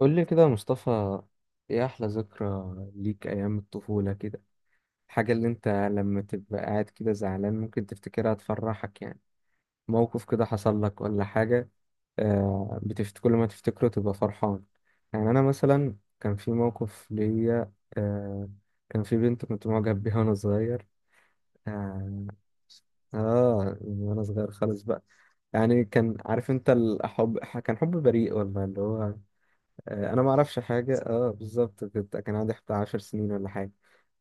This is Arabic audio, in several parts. قول لي كده يا مصطفى. ايه احلى ذكرى ليك ايام الطفولة كده؟ الحاجة اللي انت لما تبقى قاعد كده زعلان ممكن تفتكرها تفرحك يعني؟ موقف كده حصل لك ولا حاجة؟ آه، بتفت كل ما تفتكره تبقى فرحان. يعني انا مثلا كان في موقف ليا كان في بنت كنت معجب بيها وانا صغير. اه, آه، من وانا صغير خالص بقى. يعني كان عارف انت الحب كان حب بريء والله اللي هو انا ما اعرفش حاجه بالظبط كان عندي بتاع 10 سنين ولا حاجه.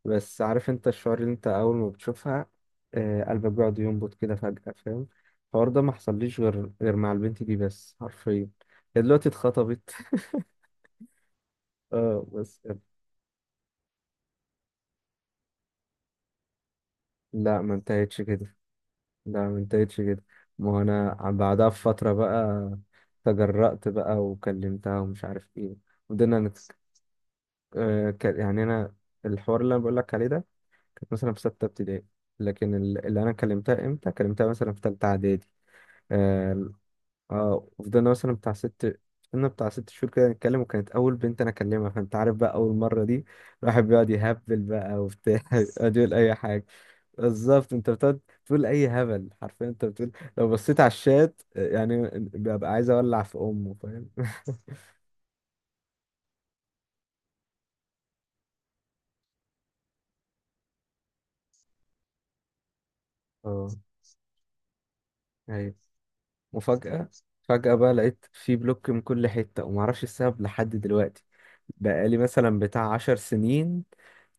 بس عارف انت الشعور اللي انت اول ما بتشوفها. آه، قلبك بيقعد ينبض كده فجاه فاهم. الحوار ده ما حصليش غير مع البنت دي بس حرفيا. هي دلوقتي اتخطبت. اه بس. لا ما انتهتش كده. لا ما انتهتش كده. ما هو انا بعدها بفتره بقى تجرأت بقى وكلمتها ومش عارف ايه. وبدنا نتك... يعني انا الحوار اللي انا بقول لك عليه ده كانت مثلا في ستة ابتدائي. لكن اللي أنا كلمتها مثلا في تالتة إعدادي. آه. آه، وفضلنا مثلا بتاع ست فضلنا بتاع 6 شهور كده نتكلم وكانت أول بنت أنا أكلمها فأنت عارف بقى أول مرة دي. الواحد بيقعد يهبل بقى وبتاع يقعد يقول أي حاجة. بالظبط أنت بتقعد تقول أي هبل حرفيا أنت بتقول. لو بصيت على الشات آه، يعني ببقى عايز أولع في أمه فاهم اه. ايوه. وفجأة فجأة بقى لقيت في بلوك من كل حتة ومعرفش السبب لحد دلوقتي. بقالي مثلا بتاع 10 سنين.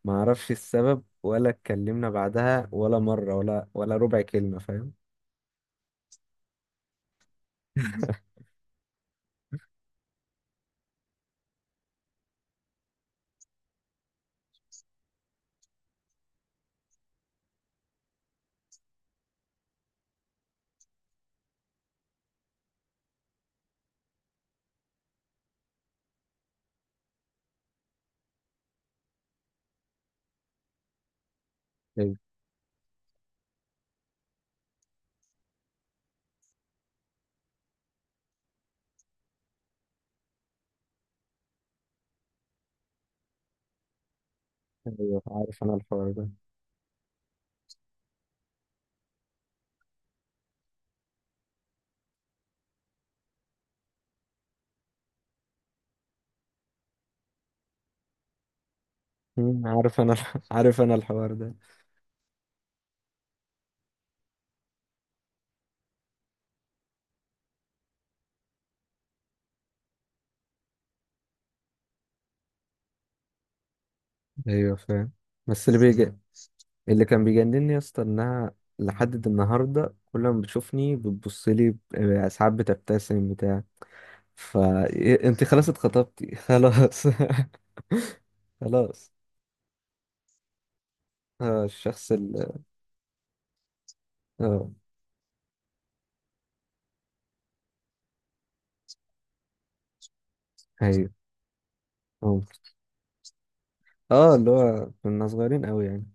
ما اعرفش السبب ولا اتكلمنا بعدها ولا مرة ولا ربع كلمة فاهم. ايوه. أيوة، عارف انا الحوار ده. عارف انا عارف انا الحوار ده. ايوه فاهم. بس اللي كان بيجنني يا اسطى انها لحد النهارده كل ما بتشوفني بتبص لي ساعات بتبتسم بتاع ف إيه، انت خلاص اتخطبتي خلاص خلاص. آه الشخص ال اه. ايوه. هو اه اللي هو كنا صغيرين قوي يعني.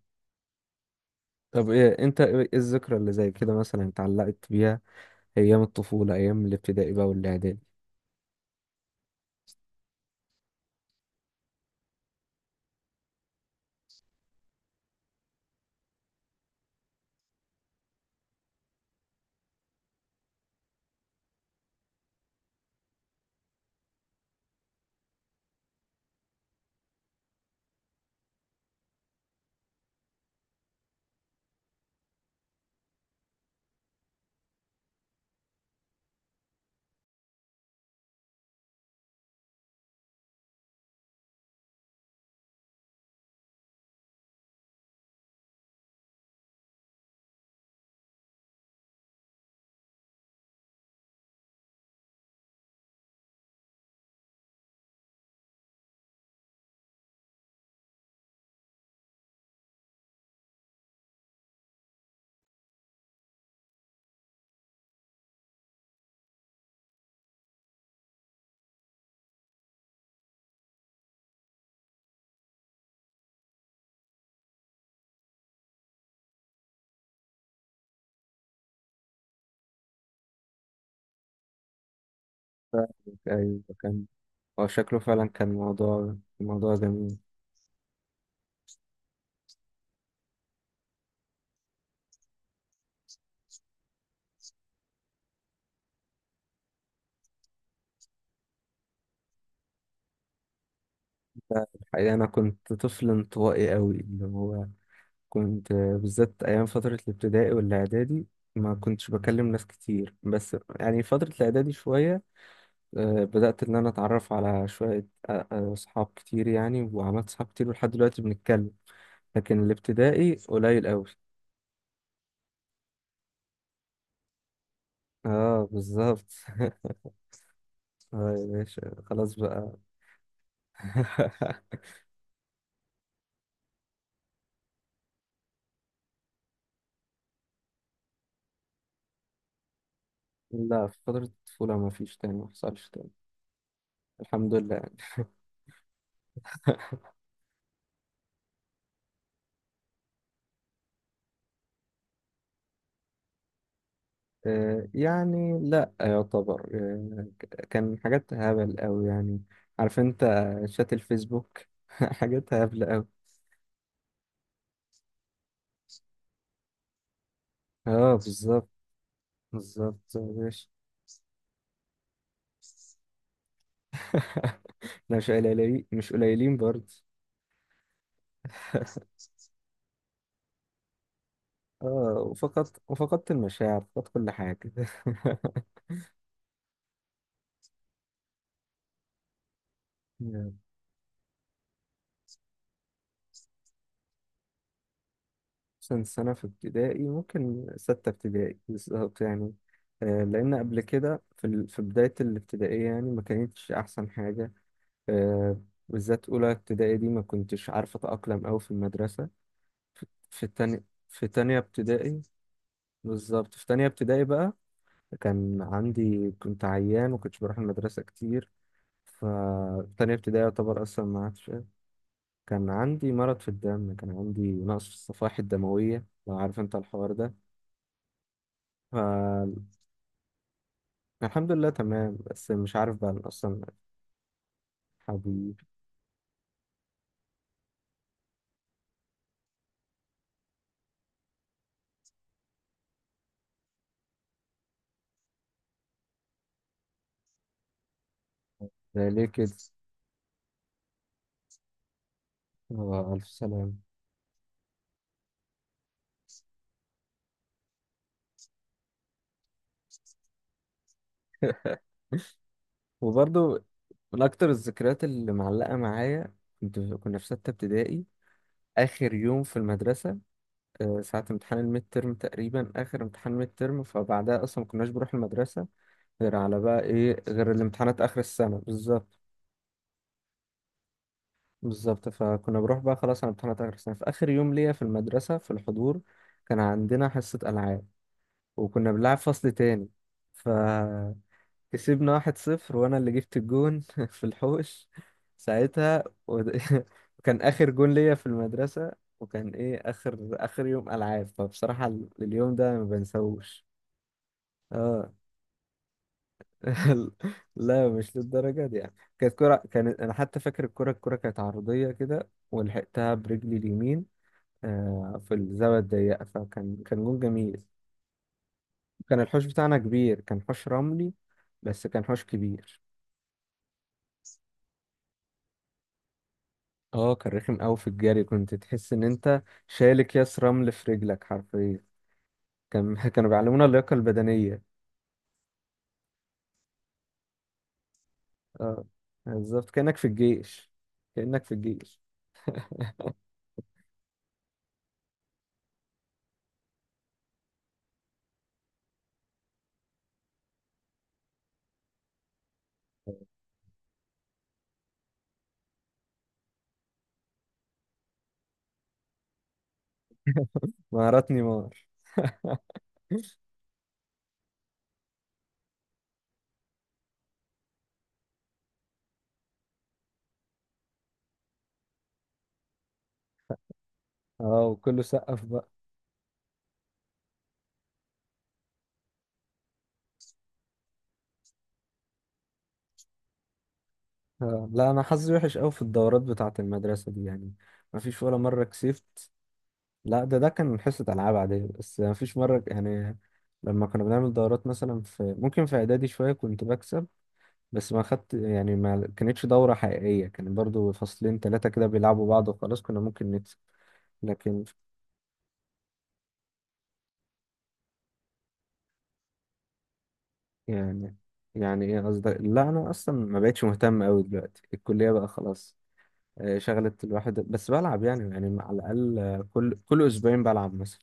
طب ايه انت ايه إيه الذكرى اللي زي كده مثلا اتعلقت بيها؟ ايام الطفولة ايام الابتدائي بقى والاعدادي. ايوه كان هو شكله فعلا كان موضوع جميل. الحقيقة انا كنت طفل انطوائي قوي اللي هو كنت بالذات ايام فترة الابتدائي والاعدادي ما كنتش بكلم ناس كتير بس يعني فترة الاعدادي شوية. آه، بدأت ان انا اتعرف على شوية اصحاب كتير يعني وعملت صحاب كتير ولحد دلوقتي بنتكلم. لكن الابتدائي قليل قوي. اه بالظبط اه يا باشا خلاص بقى لا في فترة الطفولة ما فيش تاني ما حصلش تاني. الحمد لله يعني. آه، يعني لا يعتبر كان حاجات هبل قوي يعني. عارف انت شات الفيسبوك حاجات هبل قوي. اه بالظبط. بالظبط يا باشا لا، مش قليلين مش قليلين برضه اه. وفقدت المشاعر فقدت كل حاجة مثلا سنة في ابتدائي ممكن ستة ابتدائي بالظبط يعني. آه، لأن قبل كده في بداية الابتدائية يعني ما كانتش أحسن حاجة. آه، بالذات أولى ابتدائي دي ما كنتش عارف أتأقلم أوي في المدرسة. في تانية ابتدائي. بالظبط في تانية ابتدائي بقى كان عندي كنت عيان وكنتش بروح المدرسة كتير. فتانية ابتدائي يعتبر أصلا ما عادش. كان عندي مرض في الدم كان عندي نقص في الصفائح الدموية لو عارف أنت الحوار ده. الحمد لله تمام بس مش عارف بقى أنا أصلا. حبيبي. ده ليه كده؟ هو ألف سلام. وبرضه من أكتر الذكريات اللي معلقة معايا كنا في ستة ابتدائي آخر يوم في المدرسة. آه، ساعة امتحان الميد ترم تقريبا آخر امتحان ميد ترم فبعدها أصلا ما كناش بنروح المدرسة غير على بقى إيه غير الامتحانات آخر السنة بالظبط. بالظبط فكنا بروح بقى خلاص على امتحانات آخر السنة في آخر يوم ليا في المدرسة في الحضور كان عندنا حصة ألعاب وكنا بنلعب فصل تاني فكسبنا 1-0 وانا اللي جبت الجون في الحوش ساعتها وكان اخر جون ليا في المدرسة. وكان ايه اخر يوم العاب فبصراحة اليوم ده ما بنساهوش. اه لا مش للدرجة دي يعني كانت انا حتى فاكر الكرة كانت عرضية كده ولحقتها برجلي اليمين. آه، في الزاوية الضيقة فكان جون جميل. كان الحوش بتاعنا كبير كان حوش رملي بس كان حوش كبير. اه كان رخم قوي في الجري كنت تحس ان انت شايل اكياس رمل في رجلك حرفيا. كانوا بيعلمونا اللياقة البدنية. اه بالظبط كأنك في الجيش. كأنك في الجيش. مهارات نيمار. اه وكله سقف بقى. آه. لا انا حظي وحش قوي في الدورات بتاعة المدرسة دي يعني ما فيش ولا مرة كسبت. لا ده كان حصة ألعاب عادية بس مفيش مرة يعني لما كنا بنعمل دورات مثلا في ممكن في إعدادي شوية كنت بكسب. بس ما خدت يعني ما كانتش دورة حقيقية كان برضو فصلين تلاتة كده بيلعبوا بعض وخلاص كنا ممكن نكسب. لكن يعني يعني إيه قصدك؟ لا أنا أصلا ما بقتش مهتم أوي دلوقتي الكلية بقى خلاص. آه، شغلت الواحد بس بلعب يعني على الأقل آه، كل أسبوعين بلعب مثلا.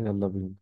يلا بينا